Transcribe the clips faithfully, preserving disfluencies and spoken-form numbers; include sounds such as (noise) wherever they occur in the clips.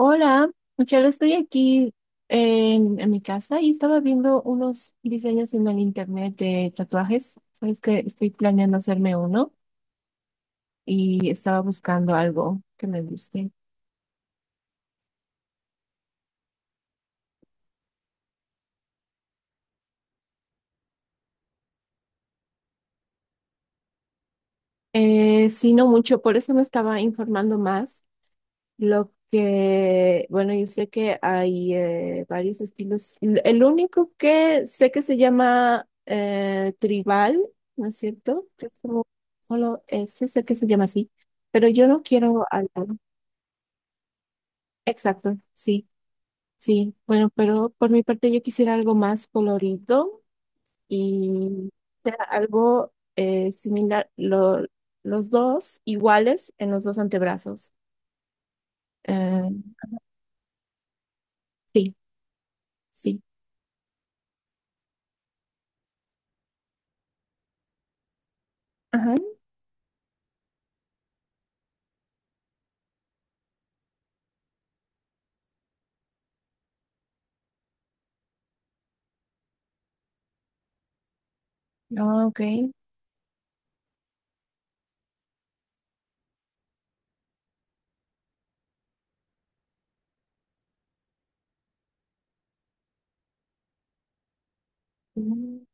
Hola, Michelle, estoy aquí en, en mi casa y estaba viendo unos diseños en el internet de tatuajes. Sabes que estoy planeando hacerme uno y estaba buscando algo que me guste. Eh, sí, no mucho, por eso me estaba informando más. Lo que, bueno, yo sé que hay eh, varios estilos. L- El único que sé que se llama eh, tribal, ¿no es cierto? Que es como solo ese, sé que se llama así, pero yo no quiero algo. Exacto, sí, sí. Bueno, pero por mi parte yo quisiera algo más colorido y sea algo eh, similar, lo- los dos iguales en los dos antebrazos. Eh, sí, sí. Ajá. Ah, ok. Mm,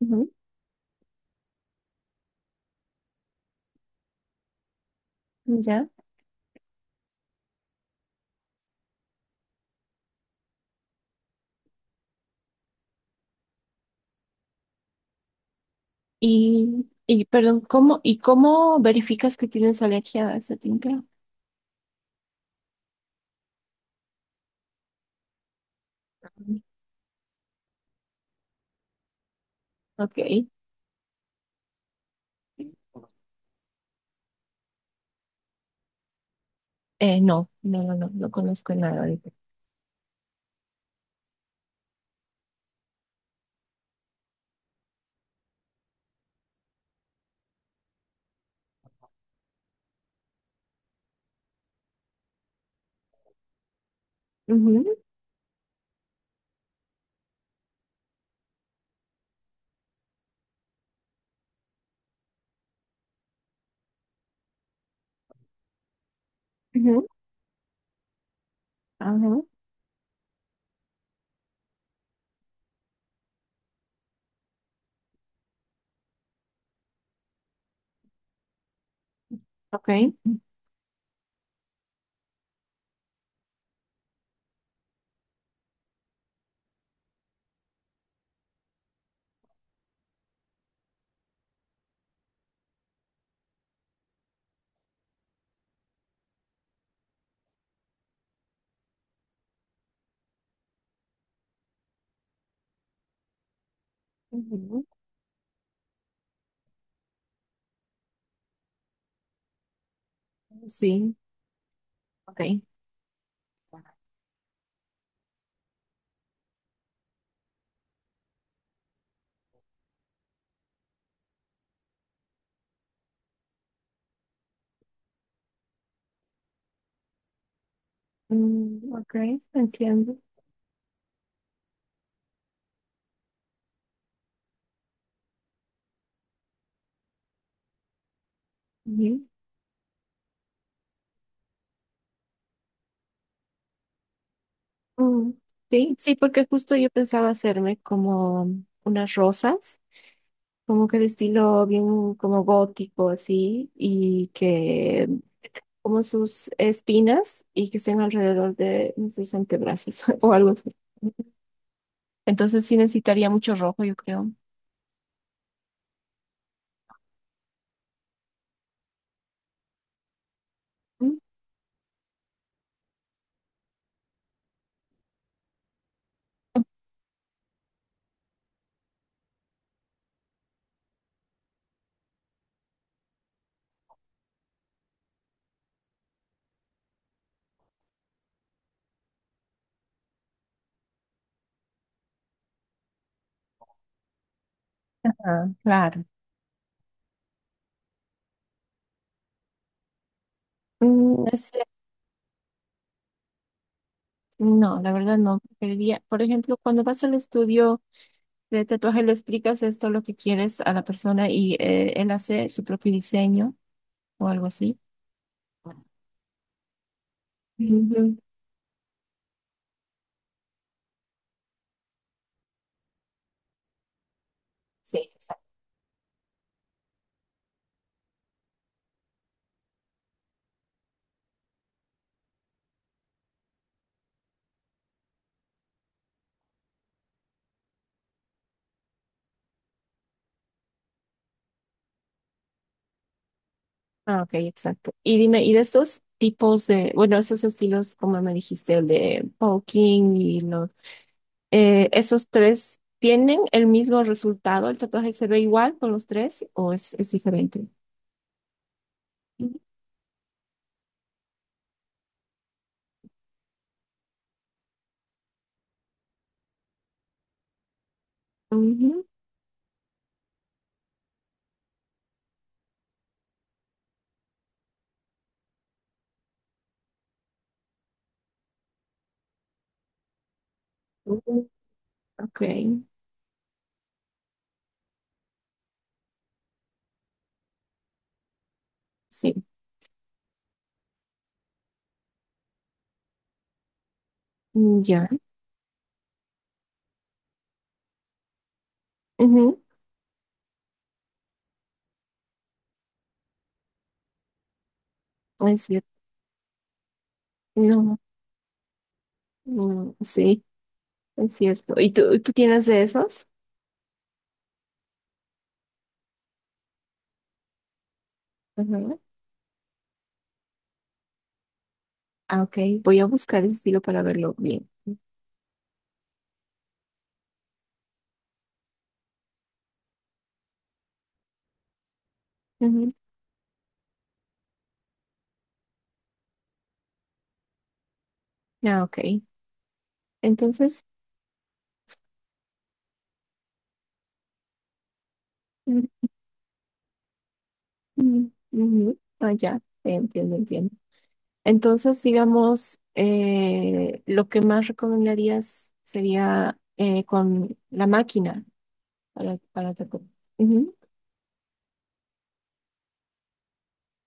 ujú, ya. Y, y perdón, ¿cómo, y cómo verificas que tienes alergia a esa tinta? Ok. Eh, no, no, no, no, no conozco nada de eso. Ujú, ujú, ajá, ok. Ujú, sí, ok. Mm, ok, entiendo. Ujú. Mm, sí, sí, porque justo yo pensaba hacerme como unas rosas, como que de estilo bien como gótico, así, y que como sus espinas y que estén alrededor de nuestros antebrazos (laughs) o algo así. Entonces sí necesitaría mucho rojo, yo creo. Mm, ah, claro. Mm, no sé. No, la verdad no. Preferiría, por ejemplo, cuando vas al estudio de tatuaje, le explicas esto, lo que quieres a la persona y eh, él hace su propio diseño o algo así. Ujú. Sí, exacto. Ah, ok, exacto. Y dime, ¿y de estos tipos de, bueno, esos estilos, como me dijiste, el de poking y los eh, esos tres tienen el mismo resultado? ¿El tatuaje se ve igual con los tres o es, es diferente? Ujú, ujú, ujú. Ok, sí, mm, ya, ujú, es cierto, no, mm, sí, es cierto. ¿Y tú, tú tienes de esos? Ajá, ah, ok, voy a buscar el estilo para verlo bien. Ujú, ah, ok, entonces, mm, mm, ujú, ah, ya, entiendo, entiendo. Entonces, digamos, eh, lo que más recomendarías sería eh, con la máquina para, para tatuar. Ujú,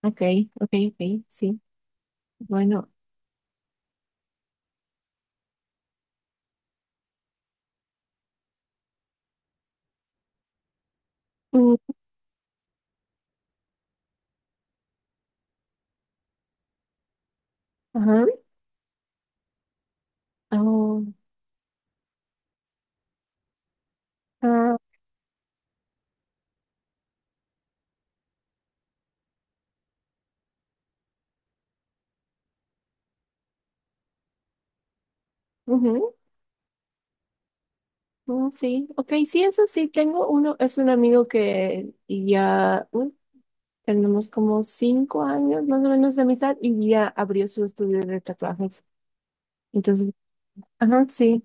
ok, ok, ok, sí. Bueno, mm, ajá, oh, ah, ujú, mm, sí, ok, sí, eso sí, tengo uno, es un amigo que ya uh, tenemos como cinco años más o menos de amistad y ya abrió su estudio de tatuajes. Entonces, ajá, sí.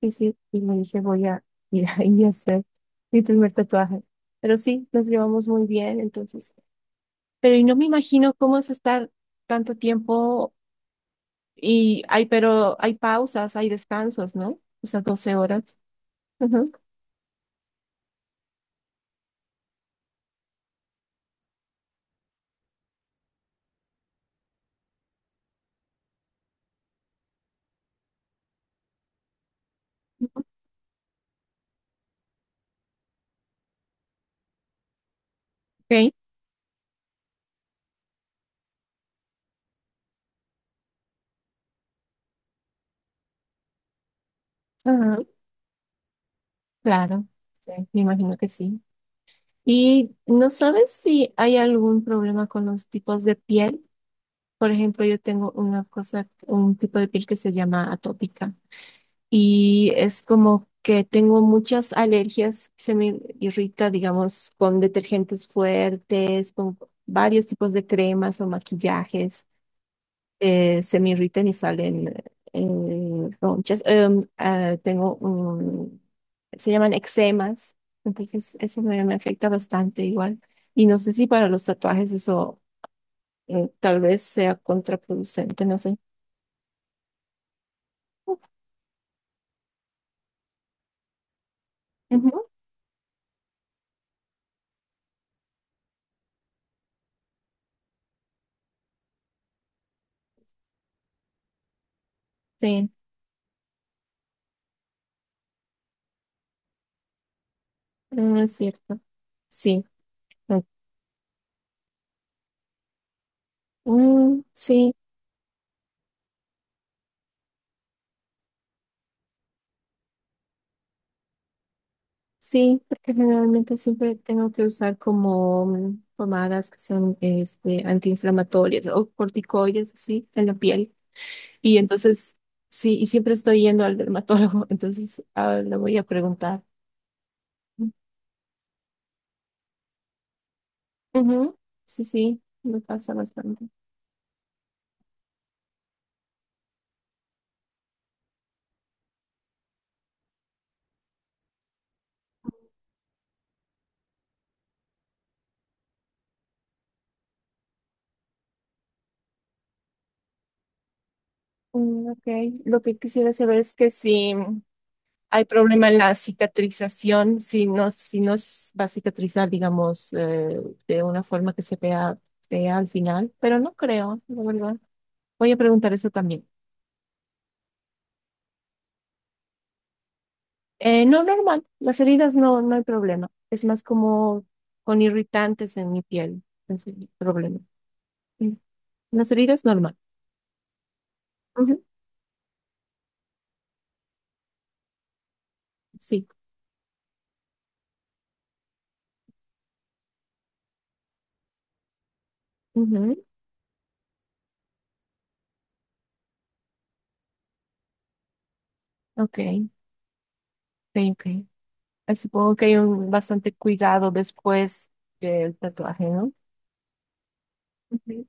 Sí, sí, y le dije, voy a ir (laughs) ahí a hacer mi primer tatuaje. Pero sí, nos llevamos muy bien, entonces. Pero y no me imagino cómo es estar tanto tiempo y hay, pero hay pausas, hay descansos, ¿no? Esas doce horas. Ujú. Ok. Ajá, claro, sí, me imagino que sí. ¿Y no sabes si hay algún problema con los tipos de piel? Por ejemplo, yo tengo una cosa, un tipo de piel que se llama atópica. Y es como que tengo muchas alergias, se me irrita, digamos, con detergentes fuertes, con varios tipos de cremas o maquillajes, eh, se me irritan y salen eh, ronchas. Em, ah, tengo, un- se llaman eczemas, entonces eso me, me afecta bastante igual. Y no sé si para los tatuajes eso eh, tal vez sea contraproducente, no sé. Ujú, sí, mm, es cierto. Sí, mm, sí, sí, porque generalmente siempre tengo que usar como mm, pomadas que son este, antiinflamatorias o corticoides, así, en la piel. Y entonces, sí, y siempre estoy yendo al dermatólogo, (laughs) entonces ah, le voy a preguntar. Ujú, sí, sí, me pasa bastante. Mm, ok, lo que quisiera saber es que sí. Hay problema en la cicatrización, si no, si no s- va a cicatrizar, digamos, eh, de una forma que se vea fea al final, pero no creo, la verdad. Voy a preguntar eso también. Eh, no, normal, las heridas no, no hay problema. Es más como con irritantes en mi piel, es el problema. Mm. Las heridas normal. Ujú, sí. Ujú, ok, ok, ok. Eh, Supongo que hay un bastante cuidado después del tatuaje, ¿no? Ujú.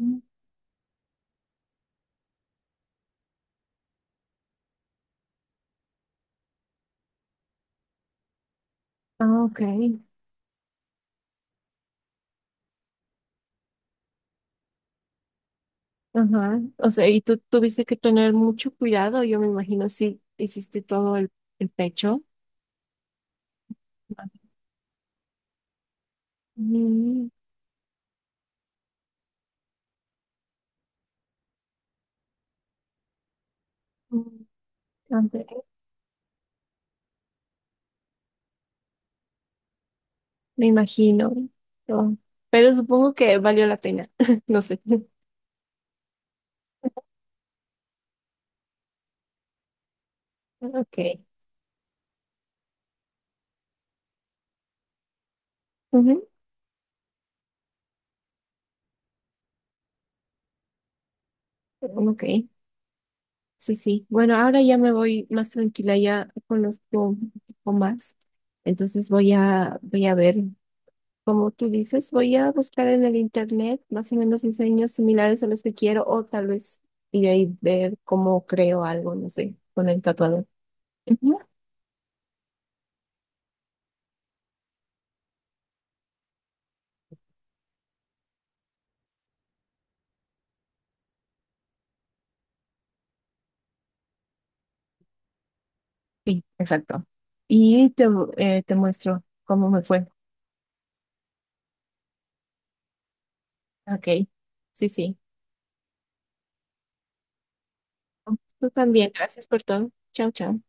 Mm. Ah, ok. Ajá. O sea, y tú tuviste que tener mucho cuidado, yo me imagino, si hiciste todo el, el pecho. Mm, mm, ande- me imagino. No. Pero supongo que valió la pena. (laughs) No sé. Ok. Ujú, ok. Sí, sí. Bueno, ahora ya me voy más tranquila, ya conozco un poco más. Entonces voy a, voy a ver. Como tú dices, voy a buscar en el internet más o menos diseños similares a los que quiero o tal vez y de ahí ver cómo creo algo, no sé, con el tatuador. Ujú, sí, exacto. Y te, eh, te muestro cómo me fue. Ok, sí, sí. Tú también. Gracias por todo. Chao, chao.